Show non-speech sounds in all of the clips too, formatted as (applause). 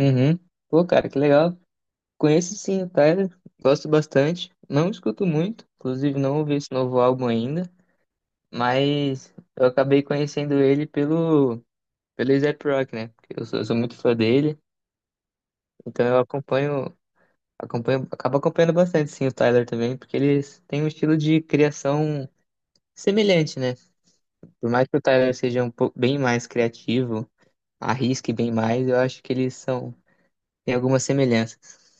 Uhum. Pô, cara, que legal. Conheço sim o Tyler, gosto bastante. Não escuto muito, inclusive não ouvi esse novo álbum ainda, mas eu acabei conhecendo ele pelo A$AP Rock, né? Porque eu sou muito fã dele, então eu acompanho, acompanho, acabo acompanhando bastante sim o Tyler também, porque eles têm um estilo de criação semelhante, né? Por mais que o Tyler seja um pouco bem mais criativo, arrisque bem mais, eu acho que eles são, têm algumas semelhanças.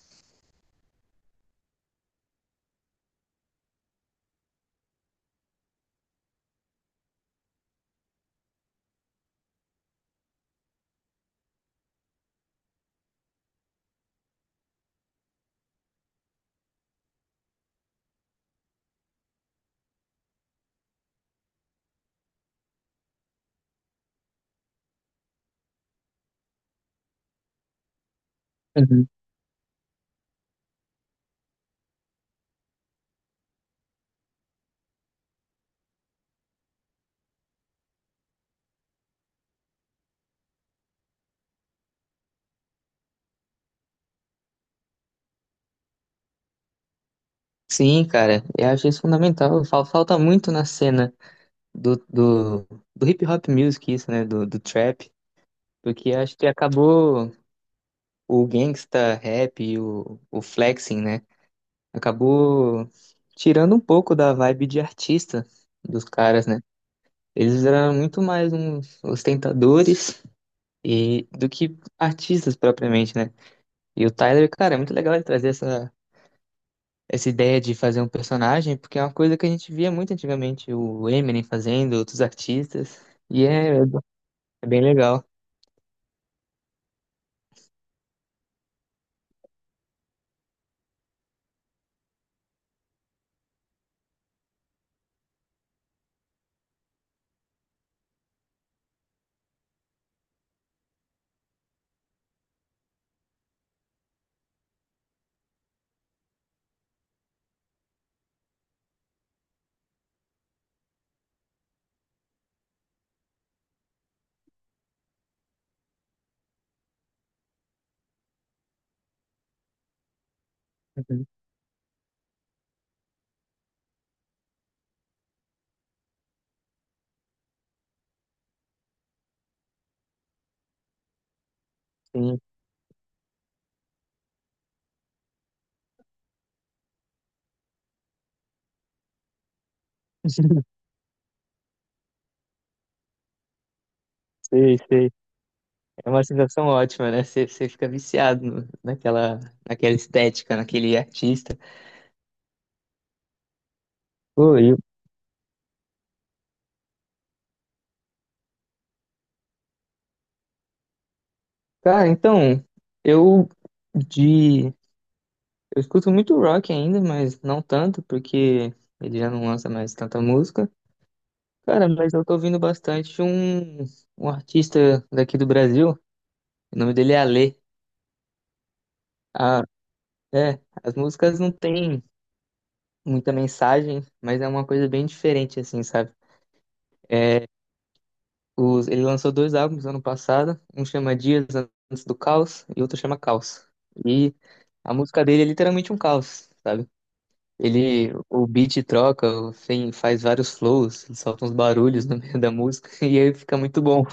Sim, cara, eu acho isso fundamental. Falta muito na cena do, do, do hip hop music, isso, né? Do trap, porque acho que acabou o gangsta rap e o flexing, né? Acabou tirando um pouco da vibe de artista dos caras, né? Eles eram muito mais uns ostentadores e do que artistas propriamente, né? E o Tyler, cara, é muito legal ele trazer essa ideia de fazer um personagem, porque é uma coisa que a gente via muito antigamente, o Eminem fazendo, outros artistas, e é bem legal. Uhum, sim. (laughs) Sei, sei. É uma sensação ótima, né? Você fica viciado naquela estética, naquele artista. Pô, cara, então, eu de. Eu escuto muito rock ainda, mas não tanto, porque ele já não lança mais tanta música. Cara, mas eu tô ouvindo um artista daqui do Brasil. O nome dele é Alê. Ah, é, as músicas não têm muita mensagem, mas é uma coisa bem diferente, assim, sabe? É, Ele lançou dois álbuns ano passado, um chama Dias Antes do Caos e outro chama Caos. E a música dele é literalmente um caos, sabe? Ele, o beat troca, faz vários flows, ele solta uns barulhos (laughs) no meio da música (laughs) e aí fica muito bom.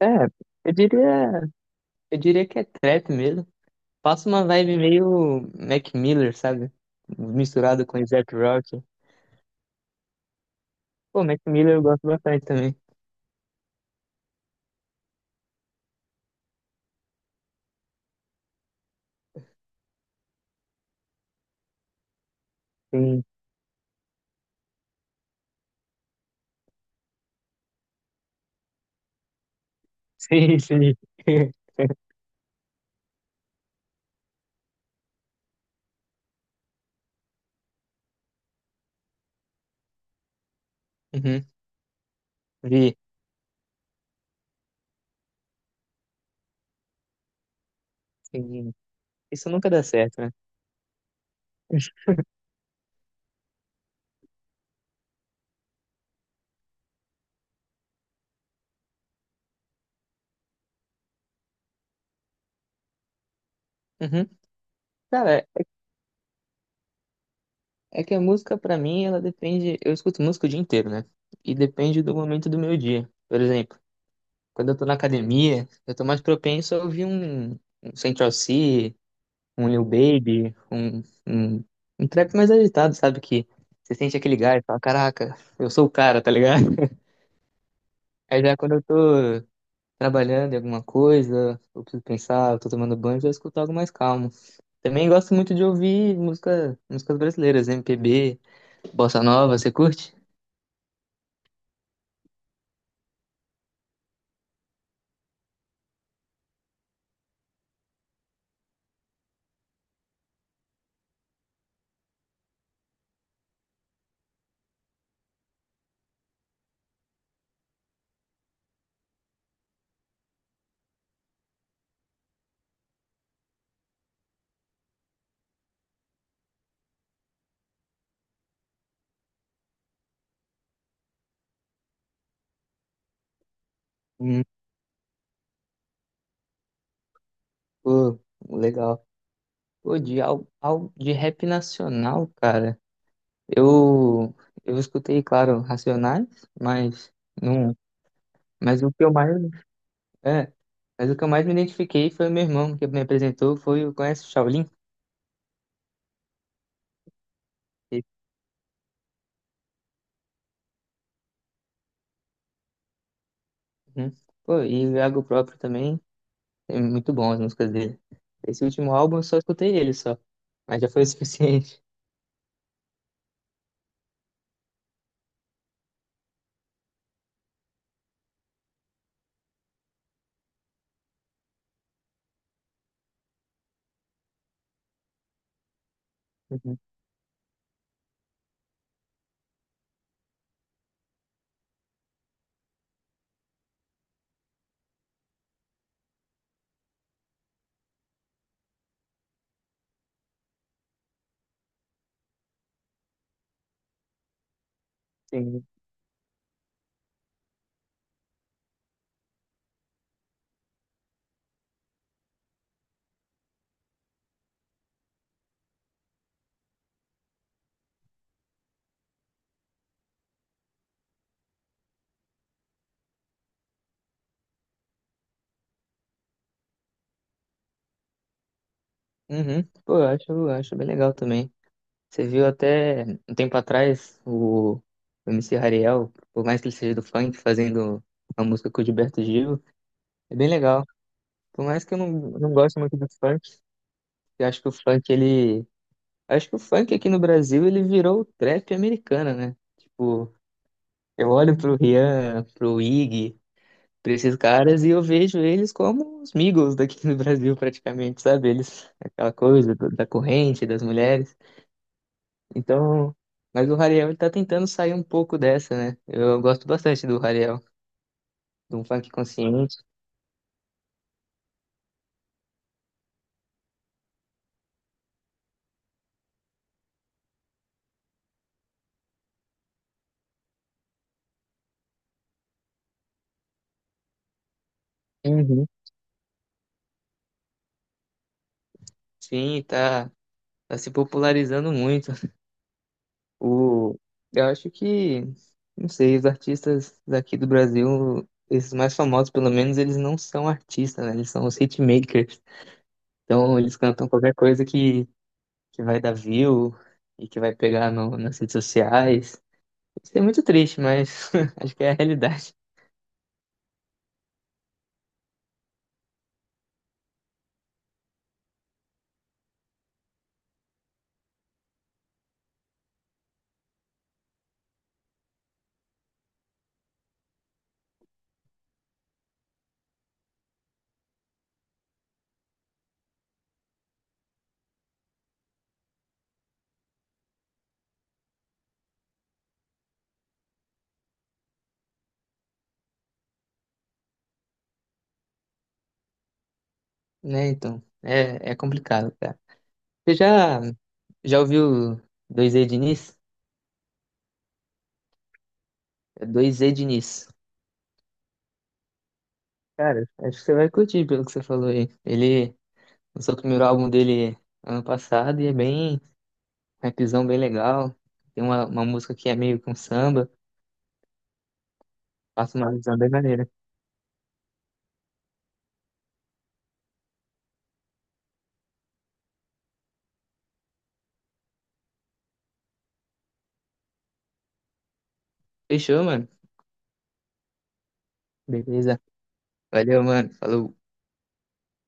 É, eu diria, eu diria que é trap mesmo. Passa uma vibe meio Mac Miller, sabe? Misturado com Zac Rock. Pô, Mac Miller eu gosto bastante também. Sim, sim. (laughs) Uhum, vi. Sim. Isso nunca dá certo, né? Uhum. Cara, é que a música pra mim, ela depende. Eu escuto música o dia inteiro, né? E depende do momento do meu dia. Por exemplo, quando eu tô na academia, eu tô mais propenso a ouvir um Central C, um Lil Baby, um, um trap mais agitado, sabe? Que você sente aquele gás, e fala, caraca, eu sou o cara, tá ligado? (laughs) Aí já quando eu tô trabalhando em alguma coisa, eu preciso pensar, eu tô tomando banho, eu já escuto algo mais calmo. Também gosto muito de ouvir músicas brasileiras, MPB, bossa nova, você curte? Hum, pô, legal. Pô, de rap nacional, cara, eu, eu escutei, claro, Racionais, mas não... Mas o que eu mais É, mas o que eu mais me identifiquei foi o meu irmão que me apresentou, foi o conhece o Shaolin? Esse, né? Pô, e o Iago próprio também, é muito bom as músicas dele. Esse último álbum eu só escutei ele só, mas já foi (laughs) o suficiente. Uhum, sim. Uhum. Pô, eu acho bem legal também. Você viu até um tempo atrás o M C Hariel, por mais que ele seja do funk, fazendo uma música com o Gilberto Gil, é bem legal. Por mais que eu não goste muito do funk, eu acho que o funk ele Acho que o funk aqui no Brasil ele virou o trap americano, né? Tipo, eu olho pro Rian, pro Ig, pra esses caras e eu vejo eles como os Migos daqui no Brasil, praticamente, sabe? Eles, aquela da corrente, das mulheres. Então, mas o Hariel ele tá tentando sair um pouco dessa, né? Eu gosto bastante do Hariel, de um funk consciente. Uhum. Sim, tá se popularizando muito. O, eu acho que, não sei, os artistas daqui do Brasil, esses mais famosos, pelo menos, eles não são artistas, né? Eles são os hitmakers. Então, eles cantam qualquer coisa que vai dar view e que vai pegar no, nas redes sociais. Isso é muito triste, mas (laughs) acho que é a realidade, né? Então, é complicado, cara. Você já ouviu dois e Diniz? É 2E Diniz. Cara, acho que você vai curtir pelo que você falou aí. Ele lançou o primeiro álbum dele ano passado e é bem, rapzão bem legal. Tem uma música que é meio que um samba, passa uma visão bem maneira. Fechou, mano? Beleza. Valeu, mano. Falou.